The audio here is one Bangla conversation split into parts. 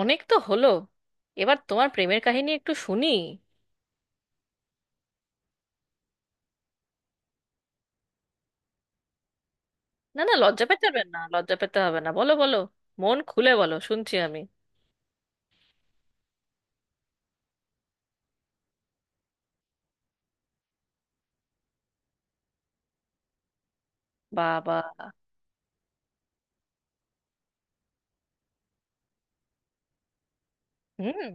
অনেক তো হলো। এবার তোমার প্রেমের কাহিনী একটু শুনি। না না, লজ্জা পেতে হবে না, লজ্জা পেতে হবে না, বলো বলো। মন খুলে বলো, শুনছি আমি। বাবা। হুম,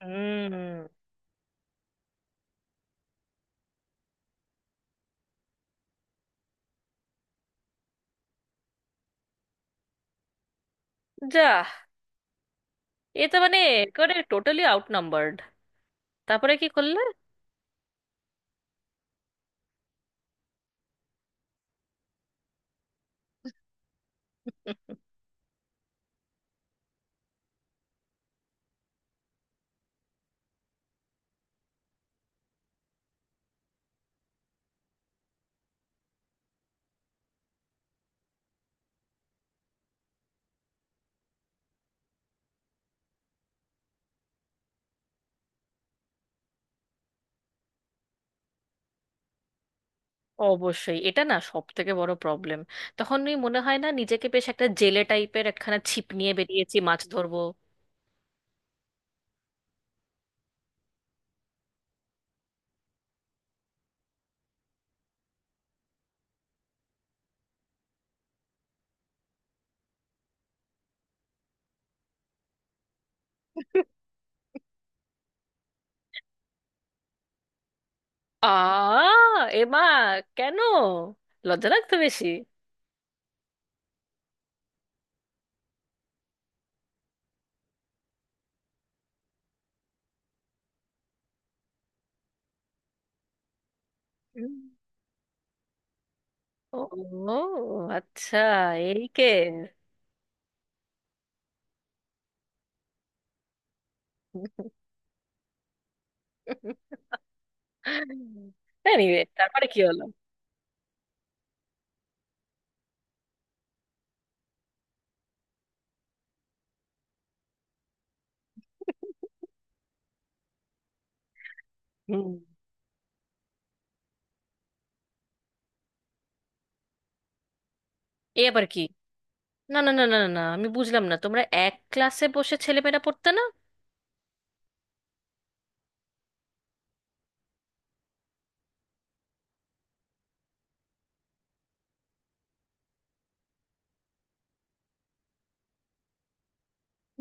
হুম। যা। এ তো মানে একেবারে টোটালি আউট নাম্বারড। তারপরে কি করলে? অবশ্যই, এটা না সব থেকে বড় প্রবলেম। তখন ওই মনে হয় না নিজেকে বেশ একটা জেলে টাইপের একখানা ছিপ নিয়ে বেরিয়েছি মাছ ধরবো। আ, এ মা, কেন? লজ্জা লাগতো বেশি? ও আচ্ছা। এই কেন? এনিওয়ে তারপরে কি হলো? হুম। এ আবার কি? না না না না না না, আমি বুঝলাম না, তোমরা এক ক্লাসে বসে ছেলেমেয়েরা পড়তে না?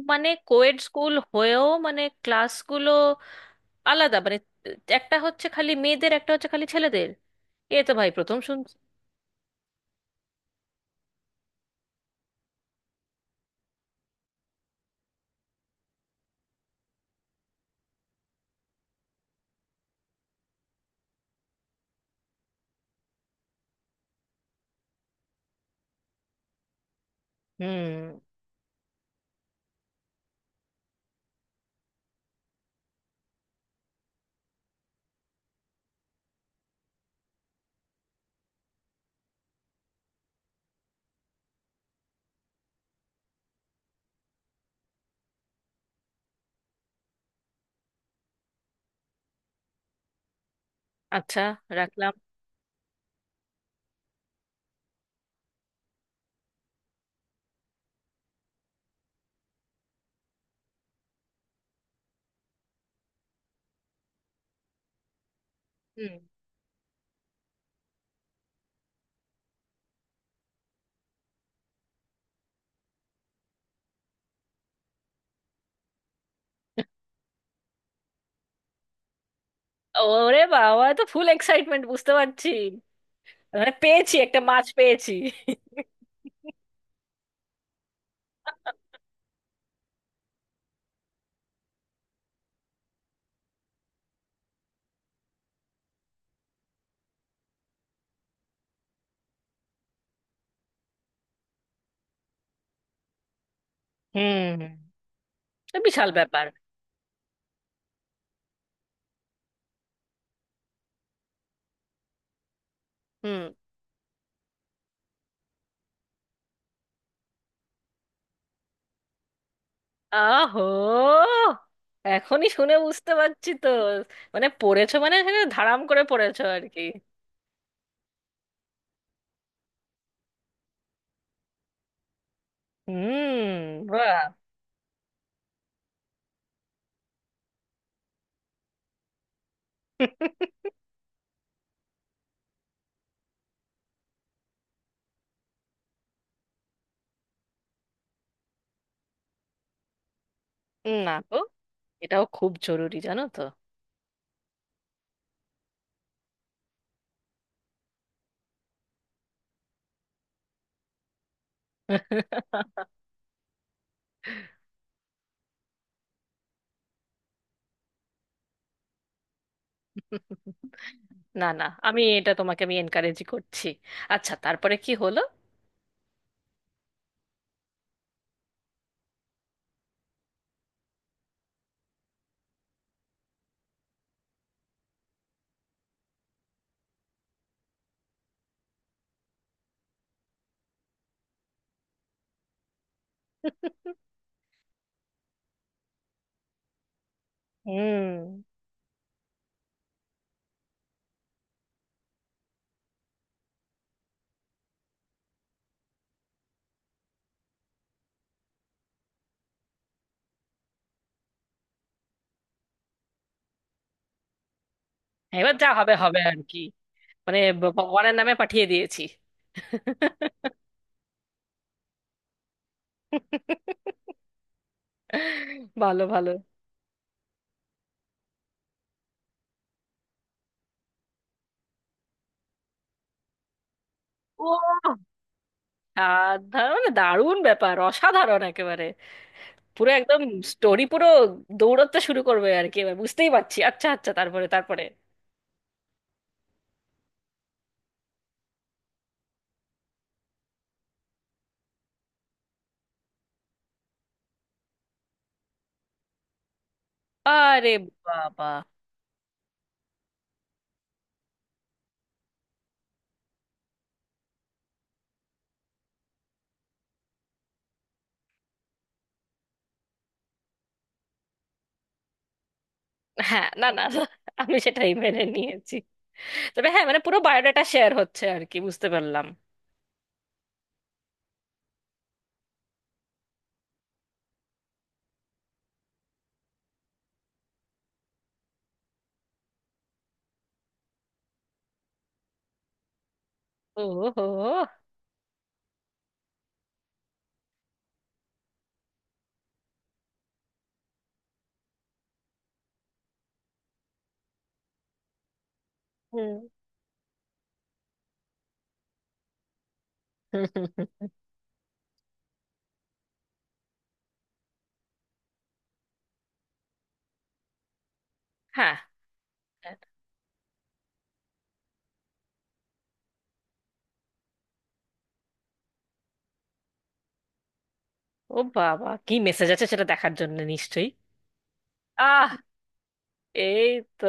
মানে কোয়েড স্কুল হয়েও মানে ক্লাসগুলো আলাদা? মানে একটা হচ্ছে খালি মেয়েদের, একটা হচ্ছে খালি ছেলেদের। এ তো ভাই প্রথম শুনছি। হুম। আচ্ছা। রাখলাম। হুম। ওরে বাবা, এ তো ফুল এক্সাইটমেন্ট বুঝতে পারছি। মানে পেয়েছি, একটা মাছ পেয়েছি। হুম। এ বিশাল ব্যাপার। হুম। আহো, এখনই শুনে বুঝতে পারছি তো। মানে পড়েছো, মানে এখানে ধারাম করে পড়েছো আর কি। হুম। বাহ। না তো, এটাও খুব জরুরি জানো তো। না না, আমি এটা তোমাকে, আমি এনকারেজই করছি। আচ্ছা, তারপরে কি হলো? হুম। এবার যা হবে হবে আর কি। মানে ভগবানের নামে পাঠিয়ে দিয়েছি। ভালো ভালো। ও। সাধারণ দারুণ ব্যাপার, অসাধারণ একেবারে। পুরো একদম। স্টোরি পুরো দৌড়াতে শুরু করবে আর কি এবার, বুঝতেই পারছি। আচ্ছা আচ্ছা, তারপরে? তারপরে? আরে বাবা। হ্যাঁ, না না না, আমি সেটাই মেনে নিয়েছি। তবে হ্যাঁ, মানে পুরো বায়োডাটা শেয়ার হচ্ছে আর কি, বুঝতে পারলাম। ও হো। হুম। হুম, হুম, হুম। হ্যাঁ। হ্যাঁ। ও বাবা, কি মেসেজ আছে সেটা দেখার জন্য নিশ্চয়ই। আহ। এই তো।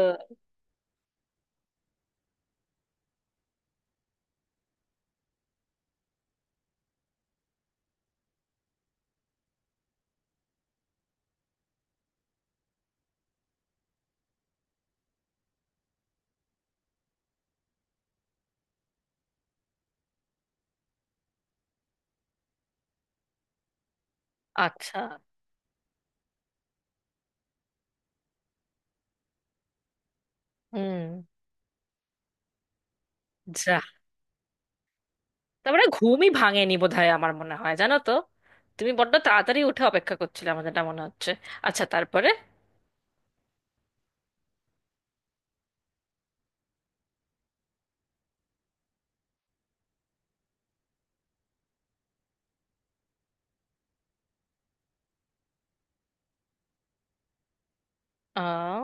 আচ্ছা। হুম। যা। তারপরে ঘুমই ভাঙেনি বোধহয়, আমার মনে হয় জানো তো। তুমি বড্ড তাড়াতাড়ি উঠে অপেক্ষা করছিলে আমার, যেটা মনে হচ্ছে। আচ্ছা তারপরে? আহ।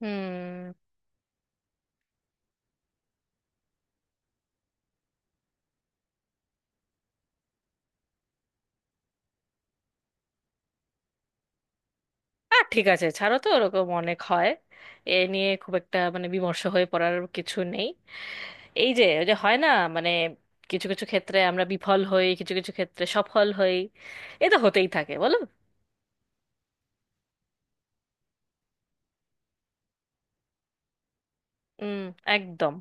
হুম। আর ঠিক আছে, ছাড়ো তো, ওরকম অনেক হয়। এ নিয়ে খুব একটা মানে বিমর্ষ হয়ে পড়ার কিছু নেই। এই যে ওই যে হয় না মানে কিছু কিছু ক্ষেত্রে আমরা বিফল হই, কিছু কিছু ক্ষেত্রে সফল হই। এ তো হতেই থাকে বলো। হুম। একদম।